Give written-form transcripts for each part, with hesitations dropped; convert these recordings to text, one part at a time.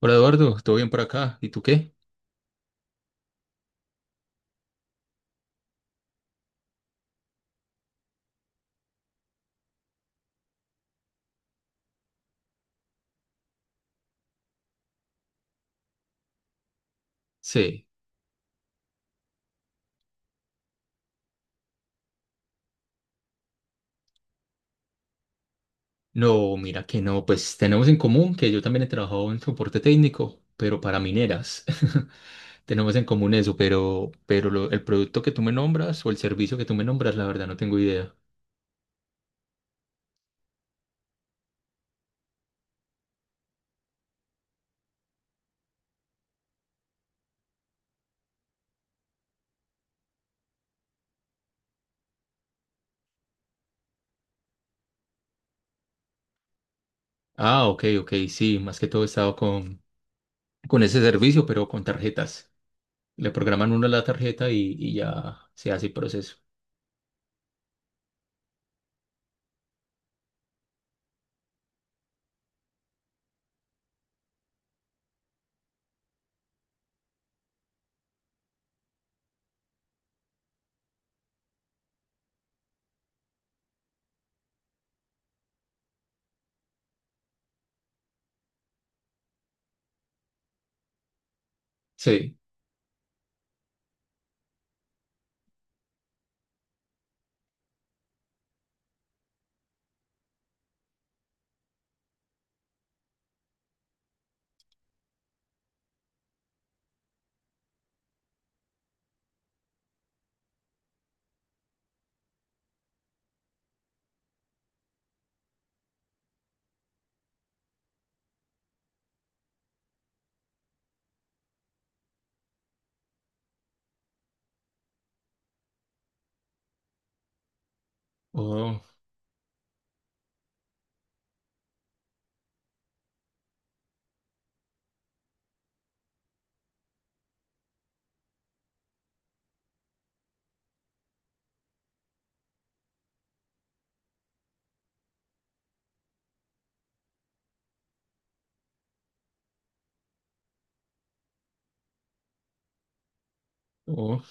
Hola Eduardo, ¿todo bien por acá? ¿Y tú qué? Sí. No, mira que no, pues tenemos en común que yo también he trabajado en soporte técnico, pero para mineras. Tenemos en común eso, pero, el producto que tú me nombras o el servicio que tú me nombras, la verdad no tengo idea. Ah, ok, ok, sí, más que todo he estado con ese servicio, pero con tarjetas. Le programan uno la tarjeta y ya se hace el proceso. Sí. Oh, oh.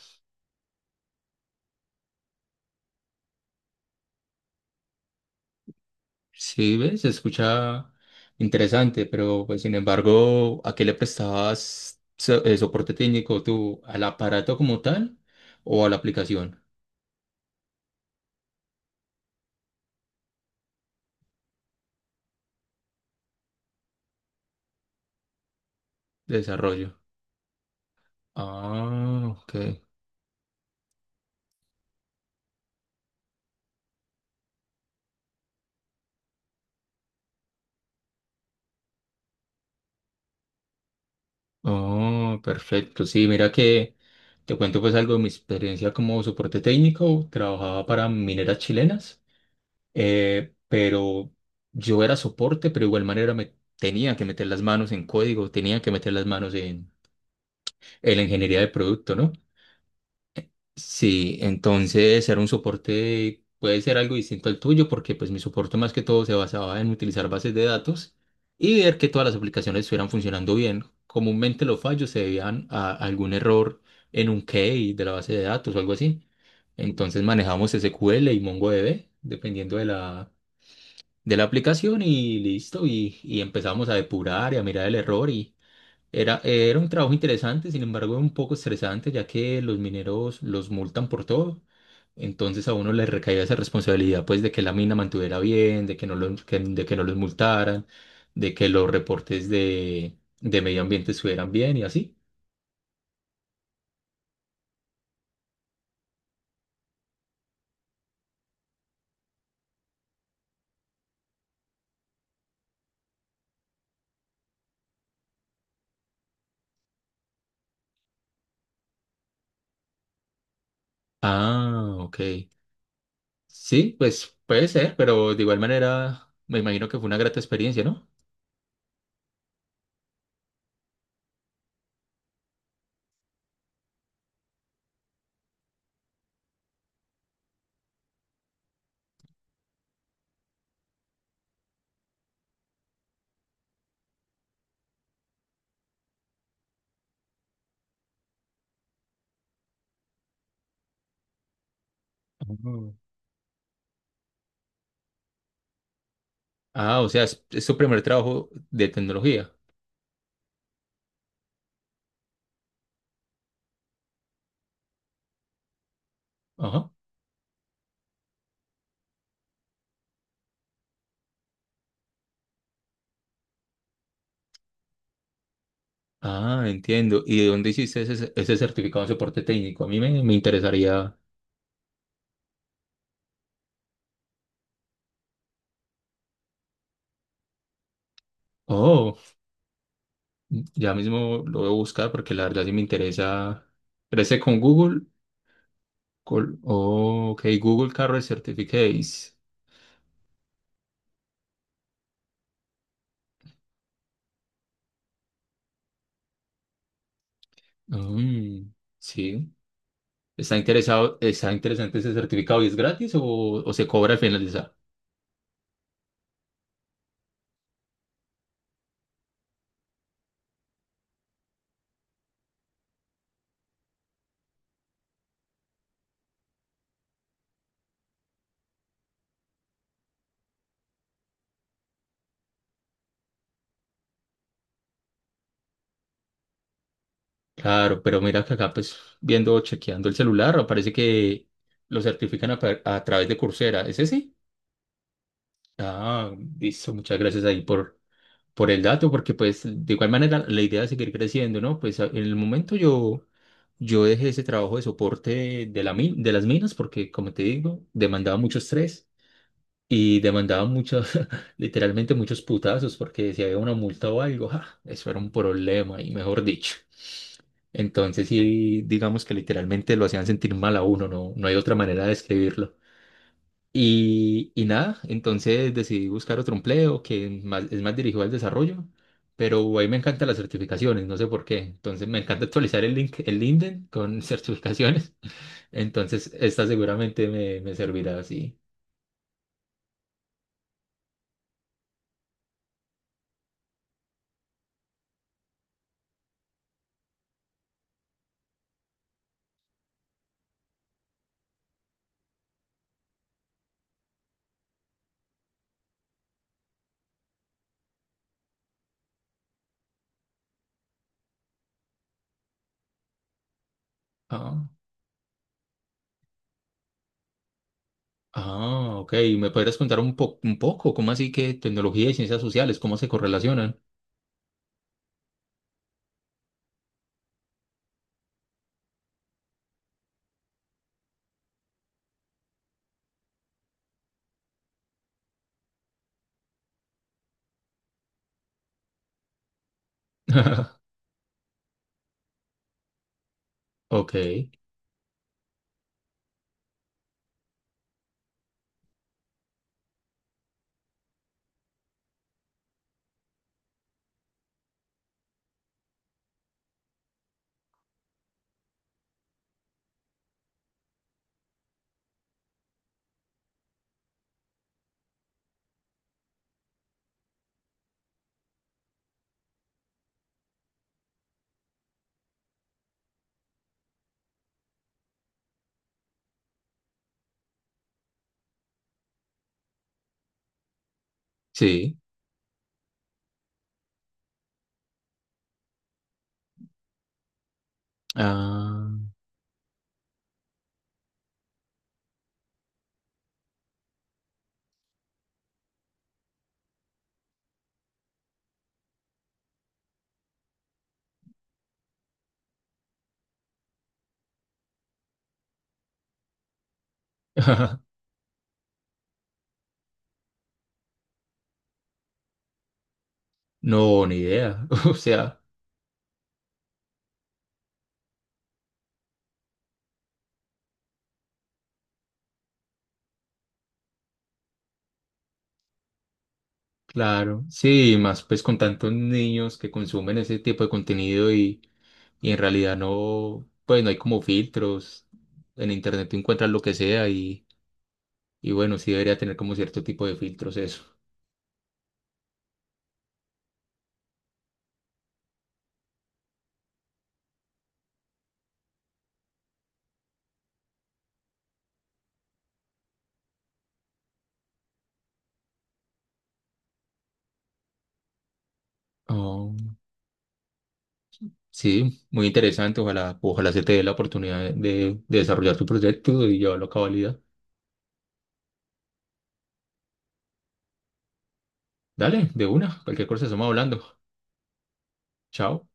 Sí, ves, se escucha interesante, pero pues sin embargo, ¿a qué le prestabas soporte técnico tú? ¿Al aparato como tal o a la aplicación de desarrollo? Ah, ok. Oh, perfecto. Sí, mira que te cuento pues algo de mi experiencia como soporte técnico. Trabajaba para mineras chilenas, pero yo era soporte, pero de igual manera me tenía que meter las manos en código, tenía que meter las manos en la ingeniería de producto, ¿no? Sí, entonces era un soporte, puede ser algo distinto al tuyo, porque pues mi soporte más que todo se basaba en utilizar bases de datos y ver que todas las aplicaciones estuvieran funcionando bien. Comúnmente los fallos se debían a algún error en un key de la base de datos o algo así. Entonces manejamos SQL y MongoDB, dependiendo de la aplicación y listo, y empezamos a depurar y a mirar el error. Era un trabajo interesante, sin embargo, un poco estresante, ya que los mineros los multan por todo. Entonces a uno le recaía esa responsabilidad, pues, de que la mina mantuviera bien, de que no los, de que no los multaran, de que los reportes de medio ambiente estuvieran bien y así. Ah, ok. Sí, pues puede ser, pero de igual manera me imagino que fue una grata experiencia, ¿no? Ujú. Ah, o sea, es su primer trabajo de tecnología. Ajá. Ah, entiendo. ¿Y de dónde hiciste ese, ese certificado de soporte técnico? A mí me, me interesaría. Oh, ya mismo lo voy a buscar porque la verdad sí me interesa. ¿Crece con Google? Oh, ok, Google Career Certificates. Mm, sí. ¿Está interesado, está interesante ese certificado y es gratis o se cobra al finalizar? Claro, pero mira que acá pues viendo, chequeando el celular, parece que lo certifican a, a través de Coursera. ¿Es ese? Ah, listo, muchas gracias ahí por el dato, porque pues de igual manera la idea es seguir creciendo, ¿no? Pues en el momento yo, yo dejé ese trabajo de soporte de, de las minas porque, como te digo, demandaba mucho estrés y demandaba muchos, literalmente muchos putazos, porque si había una multa o algo, ¡ja! Eso era un problema y mejor dicho. Entonces sí, digamos que literalmente lo hacían sentir mal a uno, no, no hay otra manera de describirlo. Y nada, entonces decidí buscar otro empleo que es más dirigido al desarrollo, pero ahí me encantan las certificaciones, no sé por qué. Entonces me encanta actualizar el link, el LinkedIn con certificaciones. Entonces esta seguramente me, me servirá así. Ah, ah, ok. ¿Me podrías contar un un poco cómo así que tecnología y ciencias sociales, cómo se correlacionan? Ok, sí. Ah, no, ni idea. O sea. Claro, sí, y más pues con tantos niños que consumen ese tipo de contenido y en realidad no, pues no hay como filtros, en internet tú encuentras lo que sea y bueno, sí debería tener como cierto tipo de filtros eso. Oh, sí, muy interesante, ojalá, ojalá se te dé la oportunidad de desarrollar tu proyecto y llevarlo a cabalidad. Dale, de una, cualquier cosa estamos hablando. Chao.